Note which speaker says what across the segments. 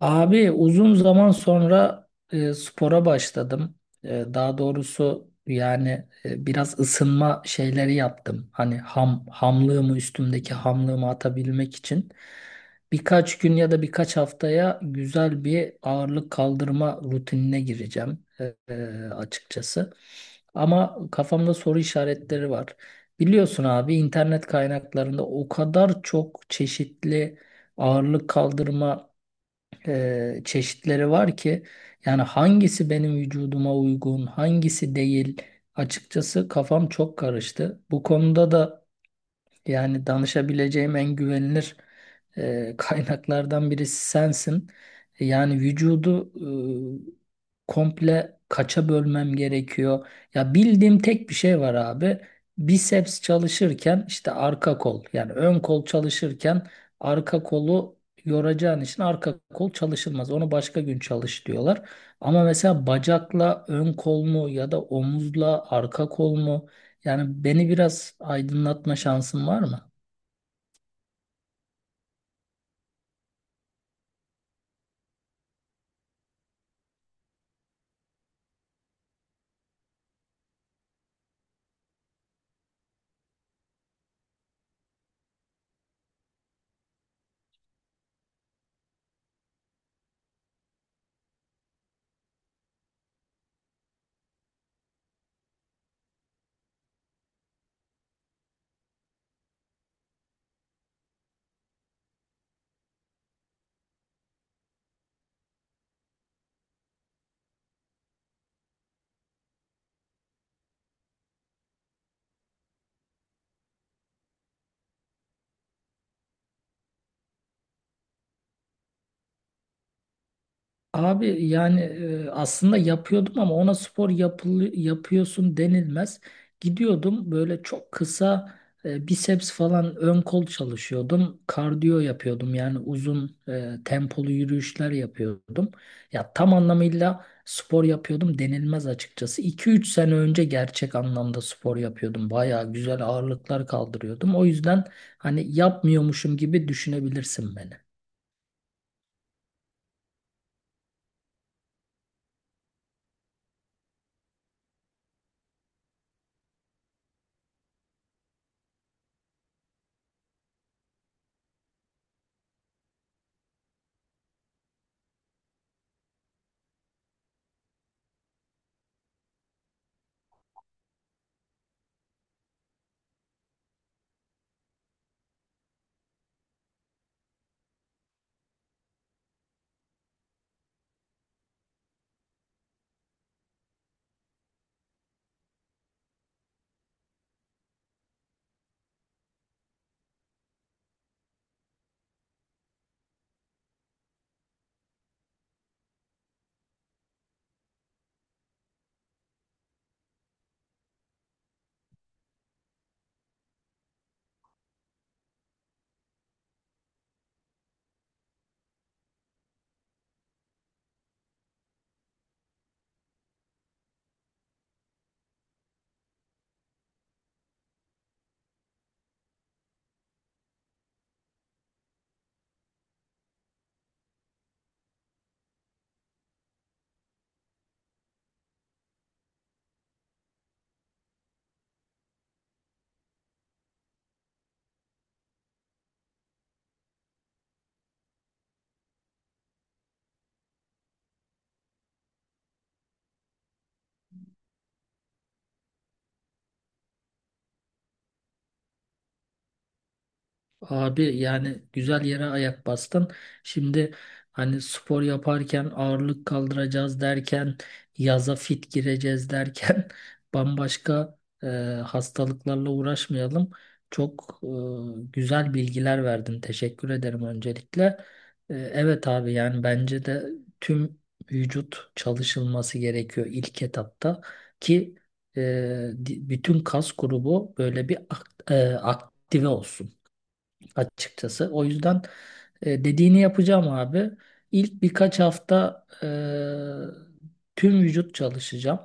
Speaker 1: Abi uzun zaman sonra spora başladım. Daha doğrusu yani biraz ısınma şeyleri yaptım. Hani ham hamlığımı üstümdeki hamlığımı atabilmek için birkaç gün ya da birkaç haftaya güzel bir ağırlık kaldırma rutinine gireceğim, açıkçası. Ama kafamda soru işaretleri var. Biliyorsun abi, internet kaynaklarında o kadar çok çeşitli ağırlık kaldırma çeşitleri var ki yani hangisi benim vücuduma uygun, hangisi değil, açıkçası kafam çok karıştı. Bu konuda da yani danışabileceğim en güvenilir kaynaklardan birisi sensin. Yani vücudu komple kaça bölmem gerekiyor? Ya bildiğim tek bir şey var abi. Biceps çalışırken işte arka kol, yani ön kol çalışırken arka kolu yoracağın için arka kol çalışılmaz. Onu başka gün çalış diyorlar. Ama mesela bacakla ön kol mu ya da omuzla arka kol mu? Yani beni biraz aydınlatma şansın var mı? Abi yani aslında yapıyordum ama ona yapıyorsun denilmez. Gidiyordum böyle çok kısa, biceps falan, ön kol çalışıyordum. Kardiyo yapıyordum, yani uzun tempolu yürüyüşler yapıyordum. Ya tam anlamıyla spor yapıyordum denilmez açıkçası. 2-3 sene önce gerçek anlamda spor yapıyordum. Baya güzel ağırlıklar kaldırıyordum. O yüzden hani yapmıyormuşum gibi düşünebilirsin beni. Abi yani güzel yere ayak bastın. Şimdi hani spor yaparken ağırlık kaldıracağız derken, yaza fit gireceğiz derken bambaşka e, hastalıklarla uğraşmayalım. Çok güzel bilgiler verdin. Teşekkür ederim öncelikle. Evet abi, yani bence de tüm vücut çalışılması gerekiyor ilk etapta, ki bütün kas grubu böyle bir aktive olsun açıkçası. O yüzden dediğini yapacağım abi. İlk birkaç hafta tüm vücut çalışacağım.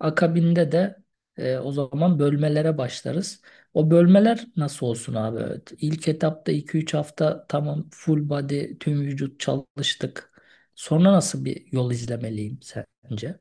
Speaker 1: Akabinde de o zaman bölmelere başlarız. O bölmeler nasıl olsun abi? Evet. İlk etapta 2-3 hafta tamam, full body, tüm vücut çalıştık. Sonra nasıl bir yol izlemeliyim sence?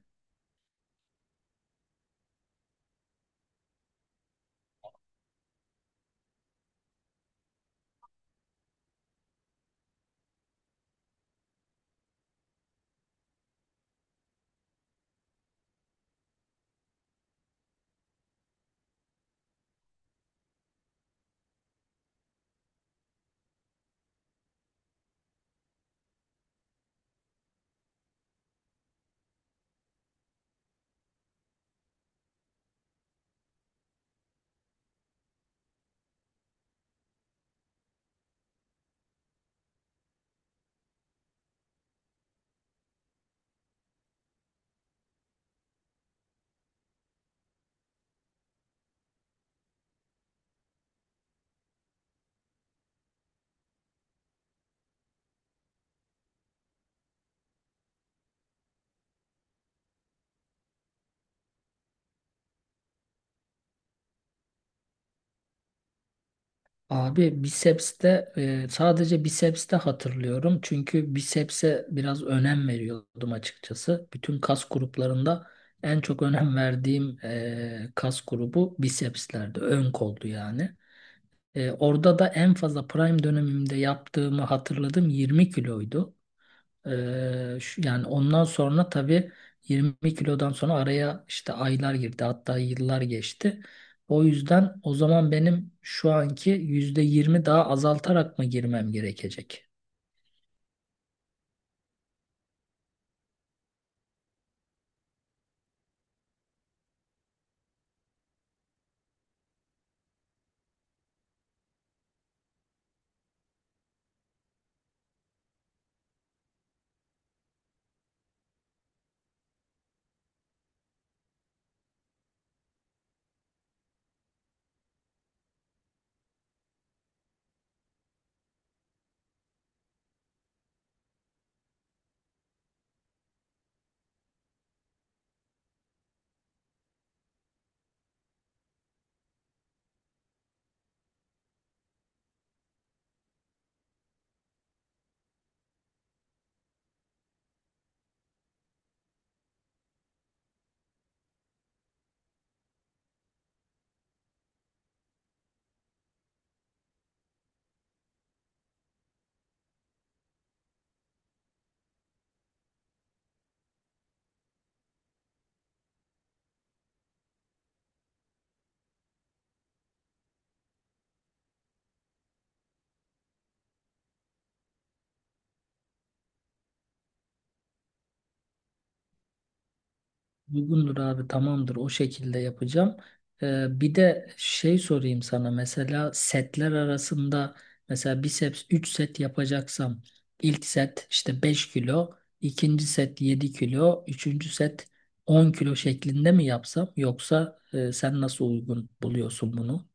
Speaker 1: Abi bisepste, sadece bisepste hatırlıyorum. Çünkü biceps'e biraz önem veriyordum açıkçası. Bütün kas gruplarında en çok önem verdiğim kas grubu bicepslerdi. Ön koldu yani. Orada da en fazla prime dönemimde yaptığımı hatırladım 20 kiloydu. Yani ondan sonra tabii 20 kilodan sonra araya işte aylar girdi, hatta yıllar geçti. O yüzden o zaman benim şu anki %20 daha azaltarak mı girmem gerekecek? Uygundur abi, tamamdır, o şekilde yapacağım. Bir de şey sorayım sana, mesela setler arasında, mesela biceps 3 set yapacaksam ilk set işte 5 kilo, ikinci set 7 kilo, üçüncü set 10 kilo şeklinde mi yapsam, yoksa sen nasıl uygun buluyorsun bunu?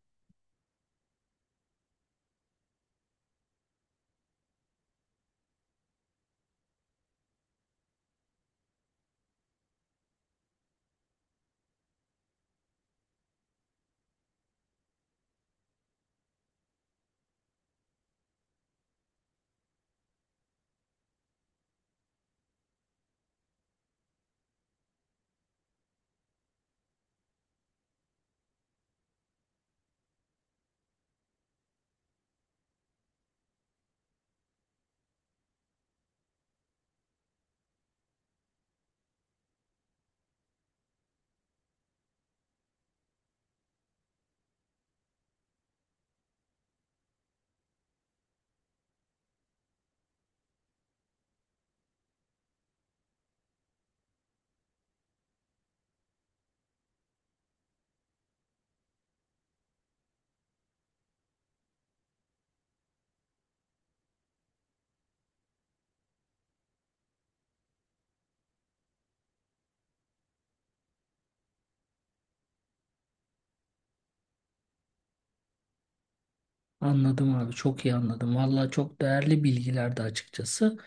Speaker 1: Anladım abi, çok iyi anladım. Valla çok değerli bilgilerdi açıkçası.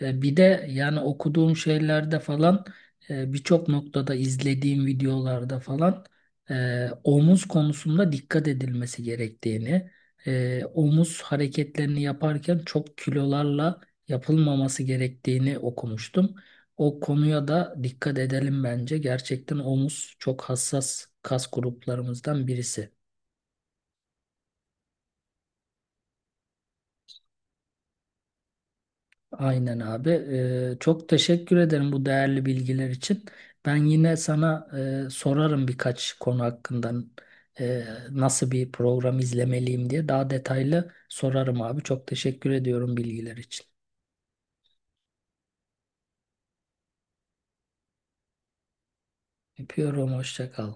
Speaker 1: Bir de yani okuduğum şeylerde falan, birçok noktada izlediğim videolarda falan, omuz konusunda dikkat edilmesi gerektiğini, omuz hareketlerini yaparken çok kilolarla yapılmaması gerektiğini okumuştum. O konuya da dikkat edelim bence. Gerçekten omuz çok hassas kas gruplarımızdan birisi. Aynen abi. Çok teşekkür ederim bu değerli bilgiler için. Ben yine sana sorarım birkaç konu hakkında, e, nasıl bir program izlemeliyim diye daha detaylı sorarım abi. Çok teşekkür ediyorum bilgiler için. Öpüyorum. Hoşça kal.